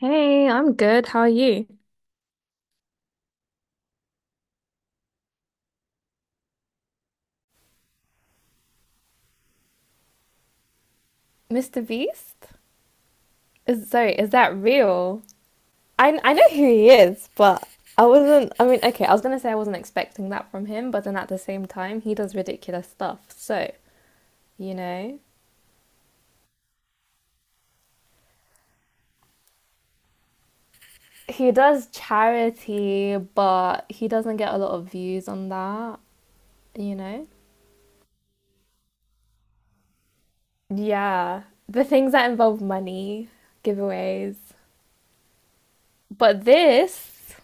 Hey, I'm good. How are you? Mr. Beast? Is sorry, is that real? I know who he is, but I wasn't I mean, okay, I was gonna say I wasn't expecting that from him, but then at the same time, he does ridiculous stuff. So, you know, he does charity, but he doesn't get a lot of views on that, you know? Yeah, the things that involve money, giveaways. But this,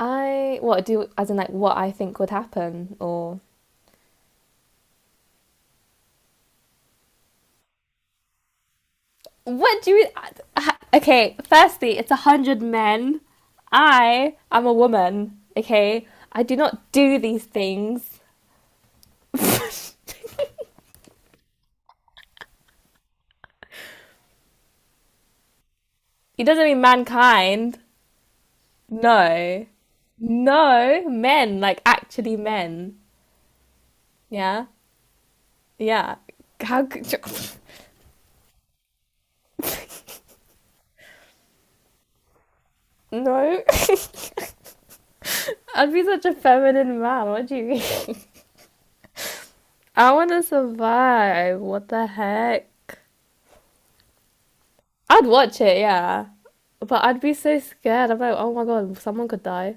I what do as in like what I think would happen or what do you. Okay, firstly, it's 100 men. I am a woman, okay? I do not do these things. It doesn't mean mankind. No. No, men, like actually men. Yeah? Yeah. How could you. No. I'd be such a feminine man. What do you mean? I want to survive. What the heck? I'd watch it, yeah. But I'd be so scared. I'm like, oh my god, someone could die.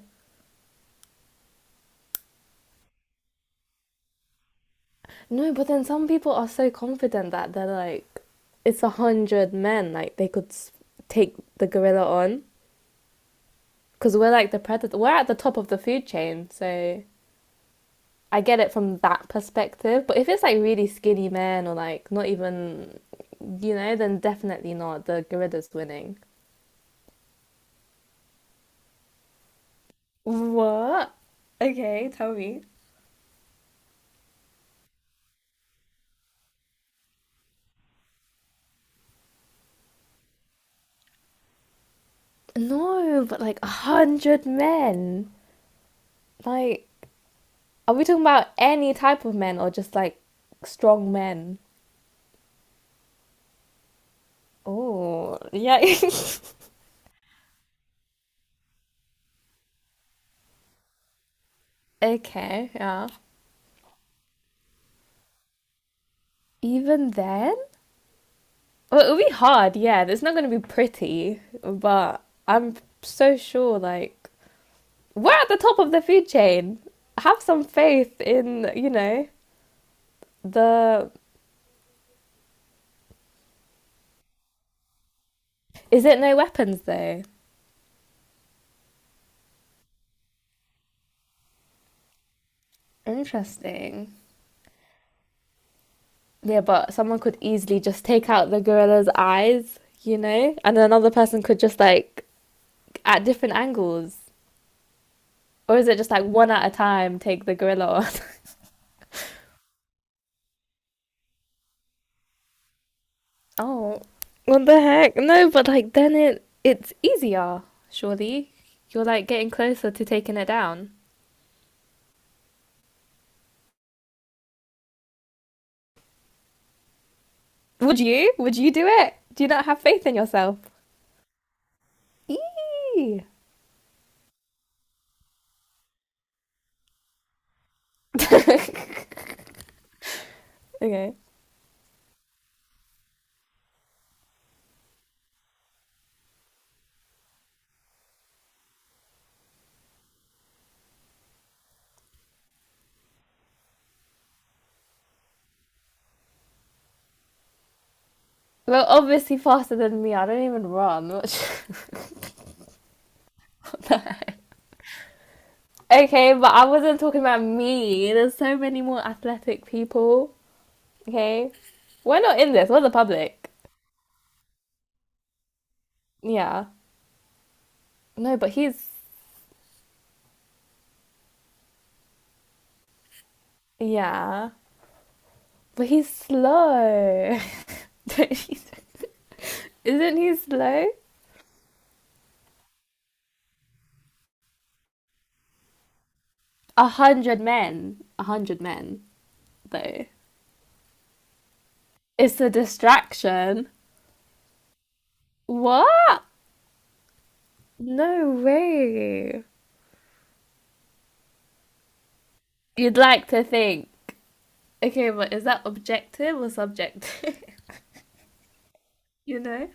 No, but then some people are so confident that they're like, it's 100 men, like they could take the gorilla on. Because we're like the predator, we're at the top of the food chain, so I get it from that perspective. But if it's like really skinny men or like not even, you know, then definitely not. The gorilla's winning. What? Okay, tell me. No, but like 100 men. Like, are we talking about any type of men or just like strong men? Oh, yeah. Okay, yeah. Even then? Well, it'll be hard, yeah. It's not going to be pretty, but I'm so sure, like, we're at the top of the food chain. Have some faith in, you know, the. Is it no weapons, though? Interesting. Yeah, but someone could easily just take out the gorilla's eyes, you know? And another person could just, like, at different angles. Or is it just like one at a time take the gorilla on? Oh, what the heck? No, but like then it's easier, surely. You're like getting closer to taking it down. Would you? Would you do it? Do you not have faith in yourself? Eee. Okay. Well, obviously faster than me. I don't even run. Which... Okay, but I wasn't talking about me. There's so many more athletic people. Okay, we're not in this. We're the public. Yeah. No, but he's yeah. But he's slow. Isn't he slow? 100 men. 100 men, though. It's a distraction. What? No way. You'd like to think. Okay, but is that objective or subjective? You know?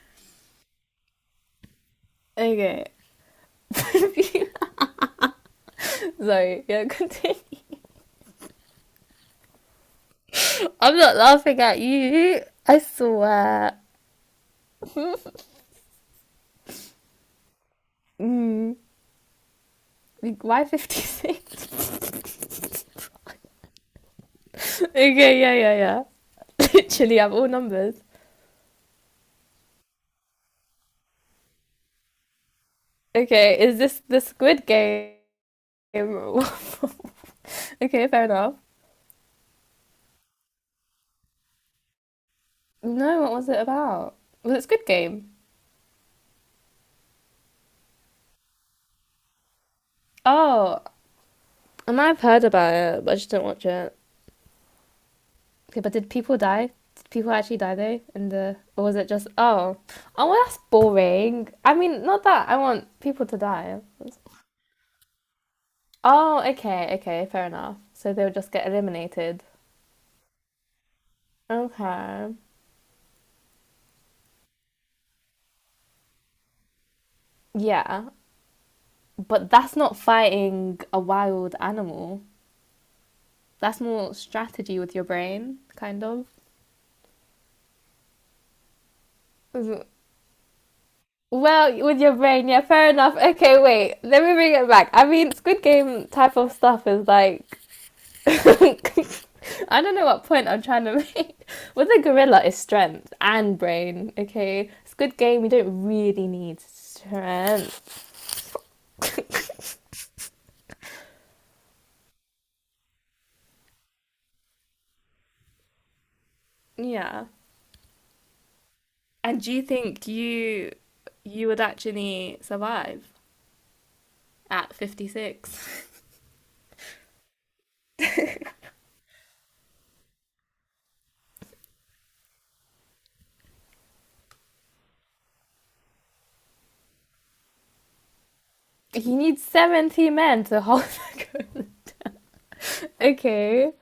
Okay. Sorry, yeah, continue. I'm not laughing at you. I swear. Mm. Like, why 56? Okay, yeah, yeah, yeah. Literally, I'm all numbers. Okay, is this the Squid Game? Okay, fair enough. No, what was it about? Was it Squid Game? Oh, I might have heard about it, but I just didn't watch it. Okay, but did people die? Did people actually die though? In the or was it just oh, oh well, that's boring. I mean, not that I want people to die. Oh, okay, okay, fair enough. So they would just get eliminated. Okay. Yeah. But that's not fighting a wild animal. That's more strategy with your brain, kind of. Well, with your brain, yeah, fair enough. Okay, wait, let me bring it back. I mean, Squid Game type of stuff is like. I don't know what point I'm trying to make. With a gorilla, is strength and brain, okay? Squid Game, you don't really need strength. Yeah. And do you think you would actually survive at 56? He needs 70 men to hold the gun. Okay.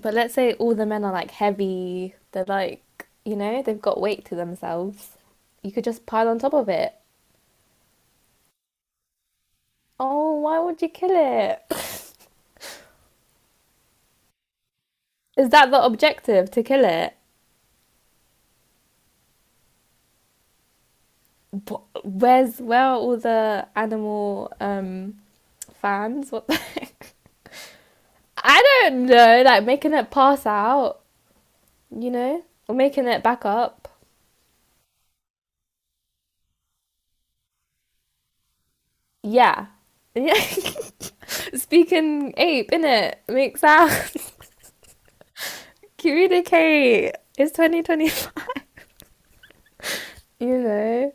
But let's say all the men are like heavy, they're like, you know, they've got weight to themselves. You could just pile on top of it. Oh, why would you kill it? Is that the objective to kill it? But where are all the animal fans? What the heck? I don't know, like making it pass out, you know, or making it back up. Yeah. Yeah. Speaking ape, innit? Makes sense. Communicate. It's 2025. You know?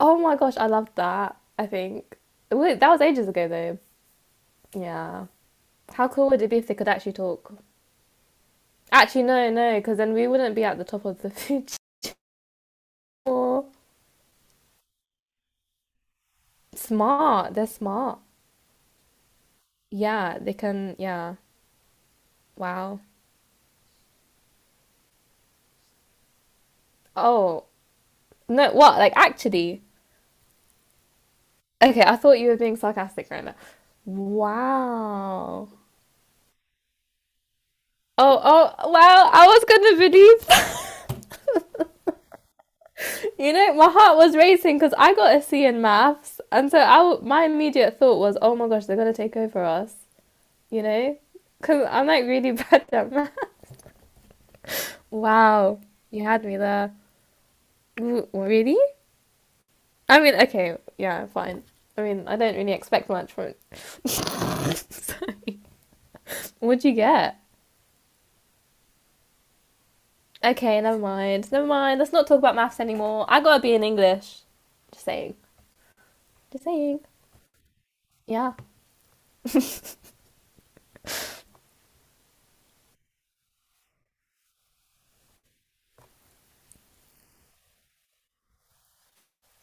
Oh my gosh, I loved that, I think. Wait, that was ages ago though. Yeah. How cool would it be if they could actually talk? Actually, no, no, because then we wouldn't be at the top of the food chain. Or- Smart. They're smart. Yeah, they can. Yeah. Wow. Oh, no, what? Like, actually. Okay, I thought you were being sarcastic right now. Wow. Oh, oh, well, I was gonna believe, you know, my heart was racing because I got a C in maths, and so my immediate thought was, oh my gosh, they're gonna take over us, you know, because I'm like really bad at math. Wow, you had me there. Really? I mean, okay, yeah, fine. I mean, I don't really expect much from it. What'd you get? Okay, never mind, never mind. Let's not talk about maths anymore. I got a B in English. Just saying. Just saying. Yeah.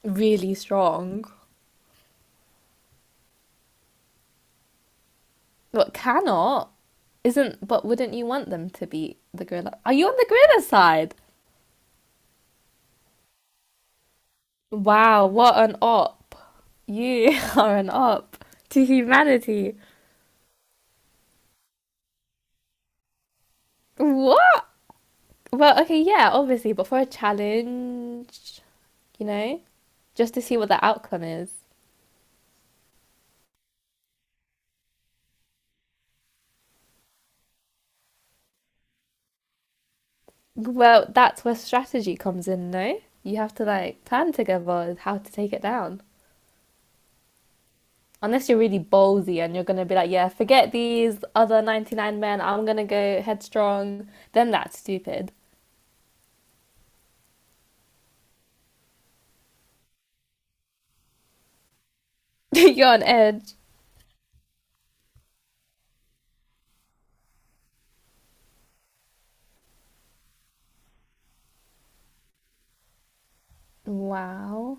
Really strong, but cannot isn't. But wouldn't you want them to be the gorilla? Are you on the gorilla side? Wow, what an op! You are an op to humanity. What? Well, okay, yeah, obviously, but for a challenge, you know, just to see what the outcome is. Well, that's where strategy comes in, no? You have to like plan together how to take it down. Unless you're really ballsy and you're going to be like, yeah, forget these other 99 men, I'm going to go headstrong, then that's stupid. You're on edge. Wow.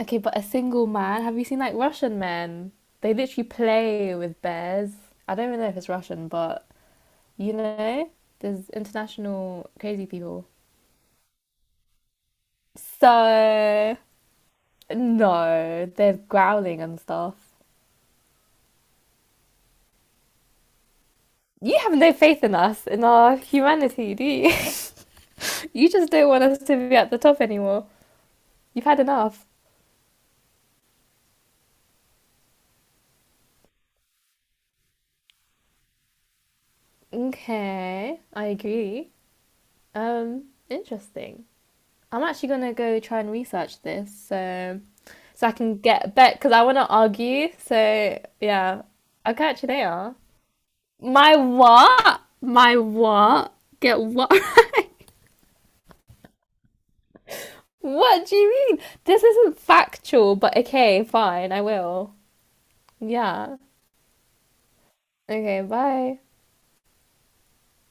Okay, but a single man, have you seen like Russian men? They literally play with bears. I don't even know if it's Russian, but you know, there's international crazy people. So, no, they're growling and stuff. You have no faith in us, in our humanity, do you? You just don't want us to be at the top anymore. You've had enough. Okay, I agree. Interesting. I'm actually gonna go try and research this so I can get back because I want to argue. So yeah, I'll catch you later. My what? My what? Get what? Right? What do you mean? This isn't factual, but okay, fine, I will. Yeah. Okay, bye.